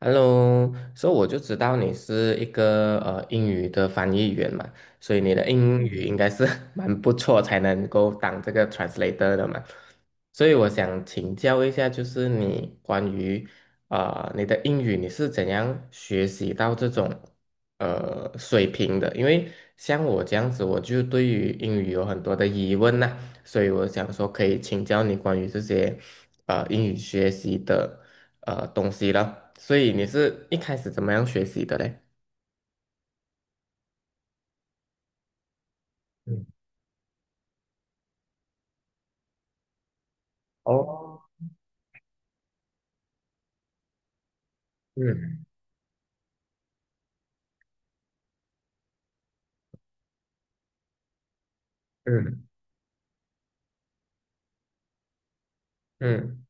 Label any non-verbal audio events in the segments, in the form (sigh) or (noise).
Hello,所以我就知道你是一个英语的翻译员嘛，所以你的英语应该是 (laughs) 蛮不错，才能够当这个 translator 的嘛。所以我想请教一下，就是你关于你的英语，你是怎样学习到这种水平的，因为像我这样子，我就对于英语有很多的疑问呐、所以我想说可以请教你关于这些英语学习的东西了。所以你是一开始怎么样学习的嘞？嗯。哦。嗯嗯嗯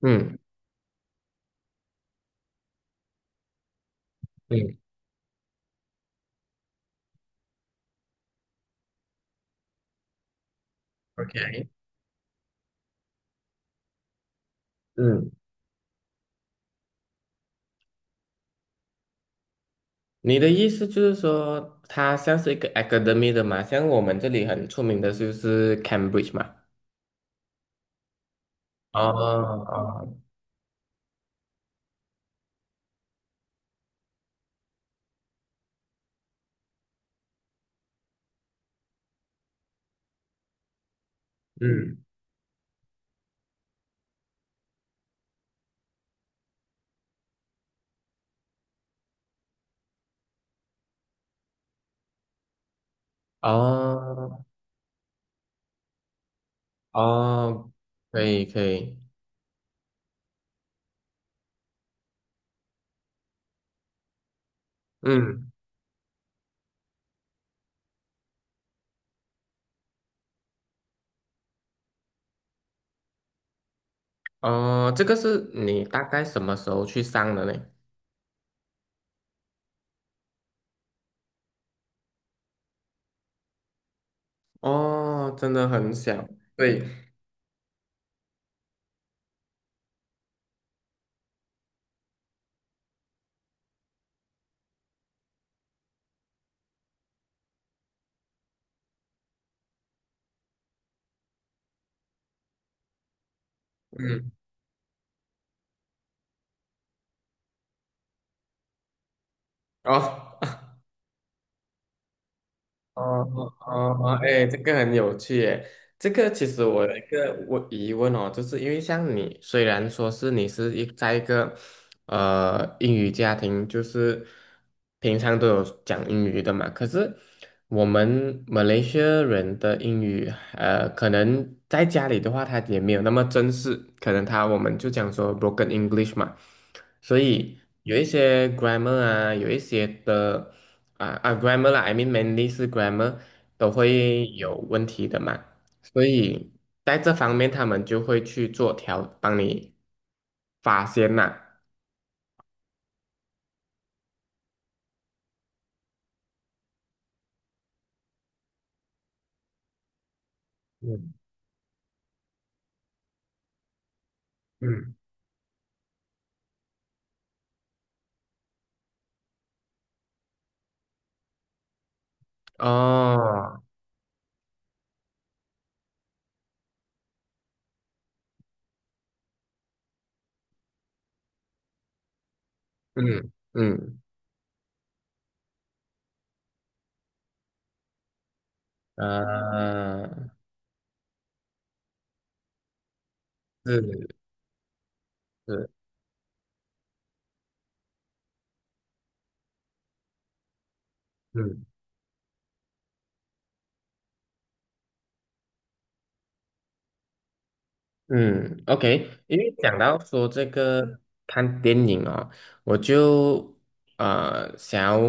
嗯嗯。OK。嗯。你的意思就是说，它像是一个 academy 的嘛，像我们这里很出名的就是 Cambridge 嘛。哦哦。嗯。哦哦。可以可以。嗯。哦，这个是你大概什么时候去上的呢？哦，真的很小。对。嗯。哦。哦哦哦哦，哎，这个很有趣耶。这个其实我有一个我疑问哦，就是因为像你，虽然说是你是一在一个英语家庭，就是平常都有讲英语的嘛，可是我们马来西亚人的英语，可能在家里的话，他也没有那么正式，可能他我们就讲说 broken English 嘛，所以有一些 grammar 啊，有一些的。啊啊，grammar 啦，I mean mainly 是 grammar 都会有问题的嘛，所以在这方面他们就会去做调，帮你发现呐。嗯嗯。哦。嗯嗯。啊。是是。嗯。嗯，OK，因为讲到说这个看电影啊、我就想要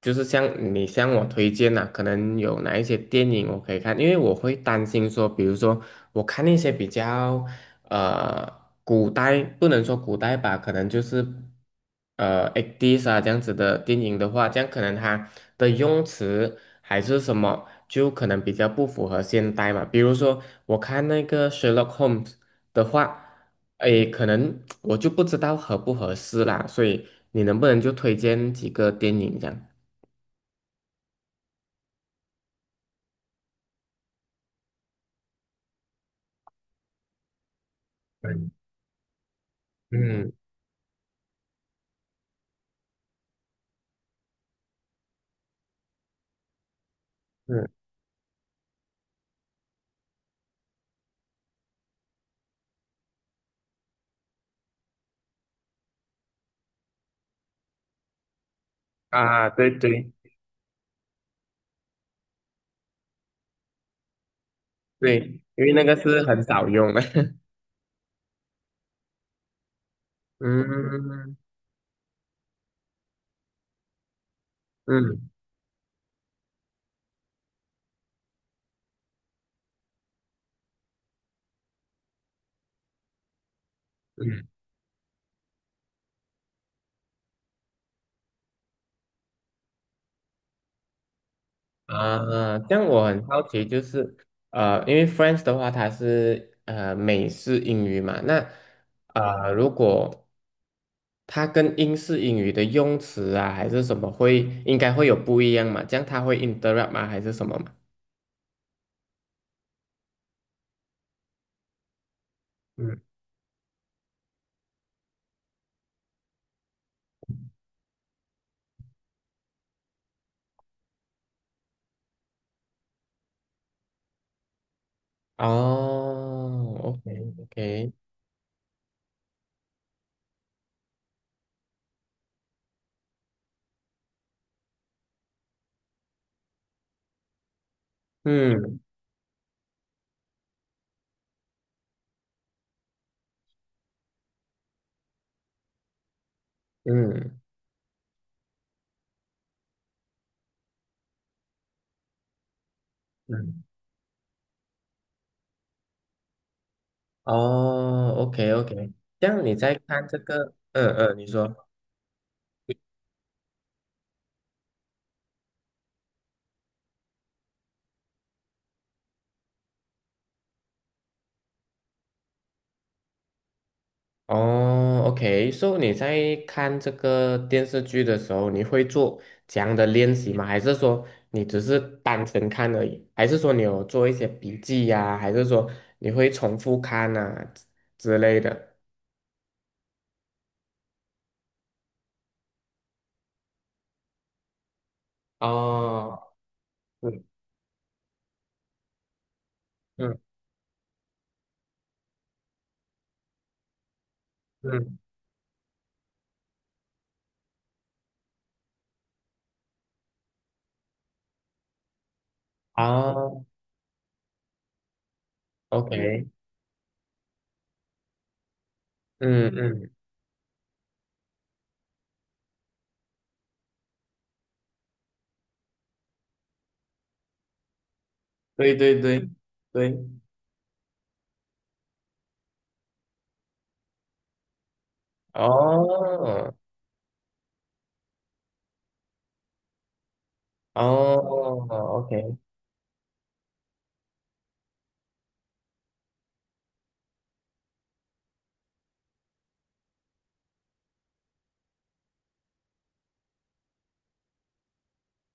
就是像你向我推荐呐、可能有哪一些电影我可以看，因为我会担心说，比如说我看那些比较呃古代不能说古代吧，可能就是8 e s 啊这样子的电影的话，这样可能它的用词还是什么，就可能比较不符合现代嘛。比如说，我看那个 Sherlock Holmes 的话，诶，可能我就不知道合不合适啦，所以你能不能就推荐几个电影这样？嗯嗯。嗯啊，对对对，因为那个是很少用的。(laughs) 嗯嗯嗯。啊，这样我很好奇，就是因为 French 的话，它是美式英语嘛，那如果它跟英式英语的用词啊，还是什么会应该会有不一样嘛？这样它会 interrupt 吗？还是什么嘛？嗯。哦，OK OK。嗯嗯嗯。哦，OK OK。这样你在看这个，嗯嗯，你说。哦，OK，so 你在看这个电视剧的时候，你会做这样的练习吗？还是说你只是单纯看而已？还是说你有做一些笔记呀、还是说你会重复看啊之类的？哦。嗯嗯嗯。哦。OK。嗯嗯。对对对对。哦哦。OK。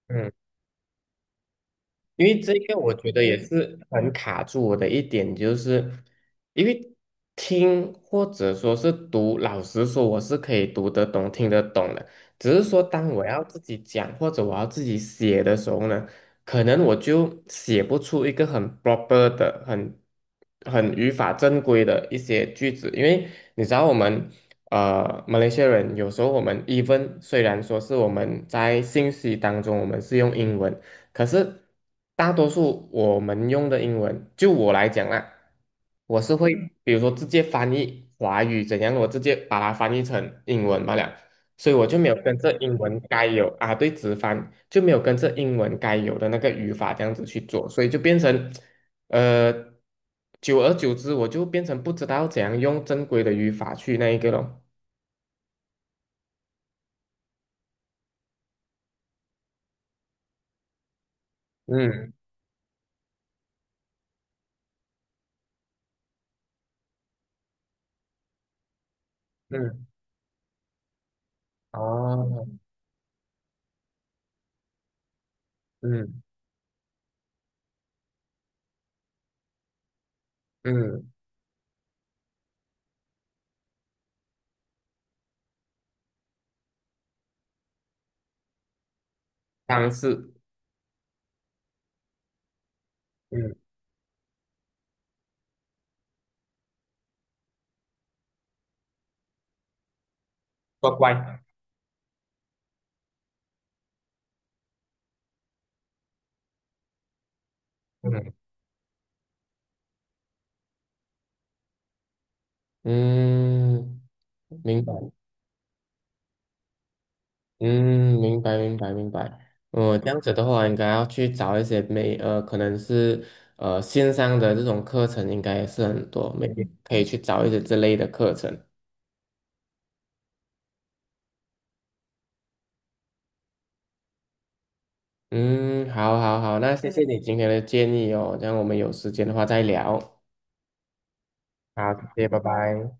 嗯。因为这个我觉得也是很卡住我的一点，就是因为听或者说是读，老实说我是可以读得懂、听得懂的，只是说当我要自己讲或者我要自己写的时候呢，可能我就写不出一个很 proper 的、很很语法正规的一些句子，因为你知道我们。马来西亚人有时候我们 even 虽然说是我们在信息当中我们是用英文，可是大多数我们用的英文，就我来讲啦，我是会比如说直接翻译华语怎样，我直接把它翻译成英文罢了，所以我就没有跟着英文该有啊，对，直翻就没有跟着英文该有的那个语法这样子去做，所以就变成呃，久而久之，我就变成不知道怎样用正规的语法去那一个咯。嗯嗯。哦。嗯嗯。方式。嗯。乖乖。嗯。嗯，明白。嗯，明白，明白，明白。嗯，这样子的话，应该要去找一些美，可能是线上的这种课程，应该也是很多，美天可以去找一些这类的课程。嗯，好，好，好，那谢谢你今天的建议哦，这样我们有时间的话再聊。好，谢谢，拜拜。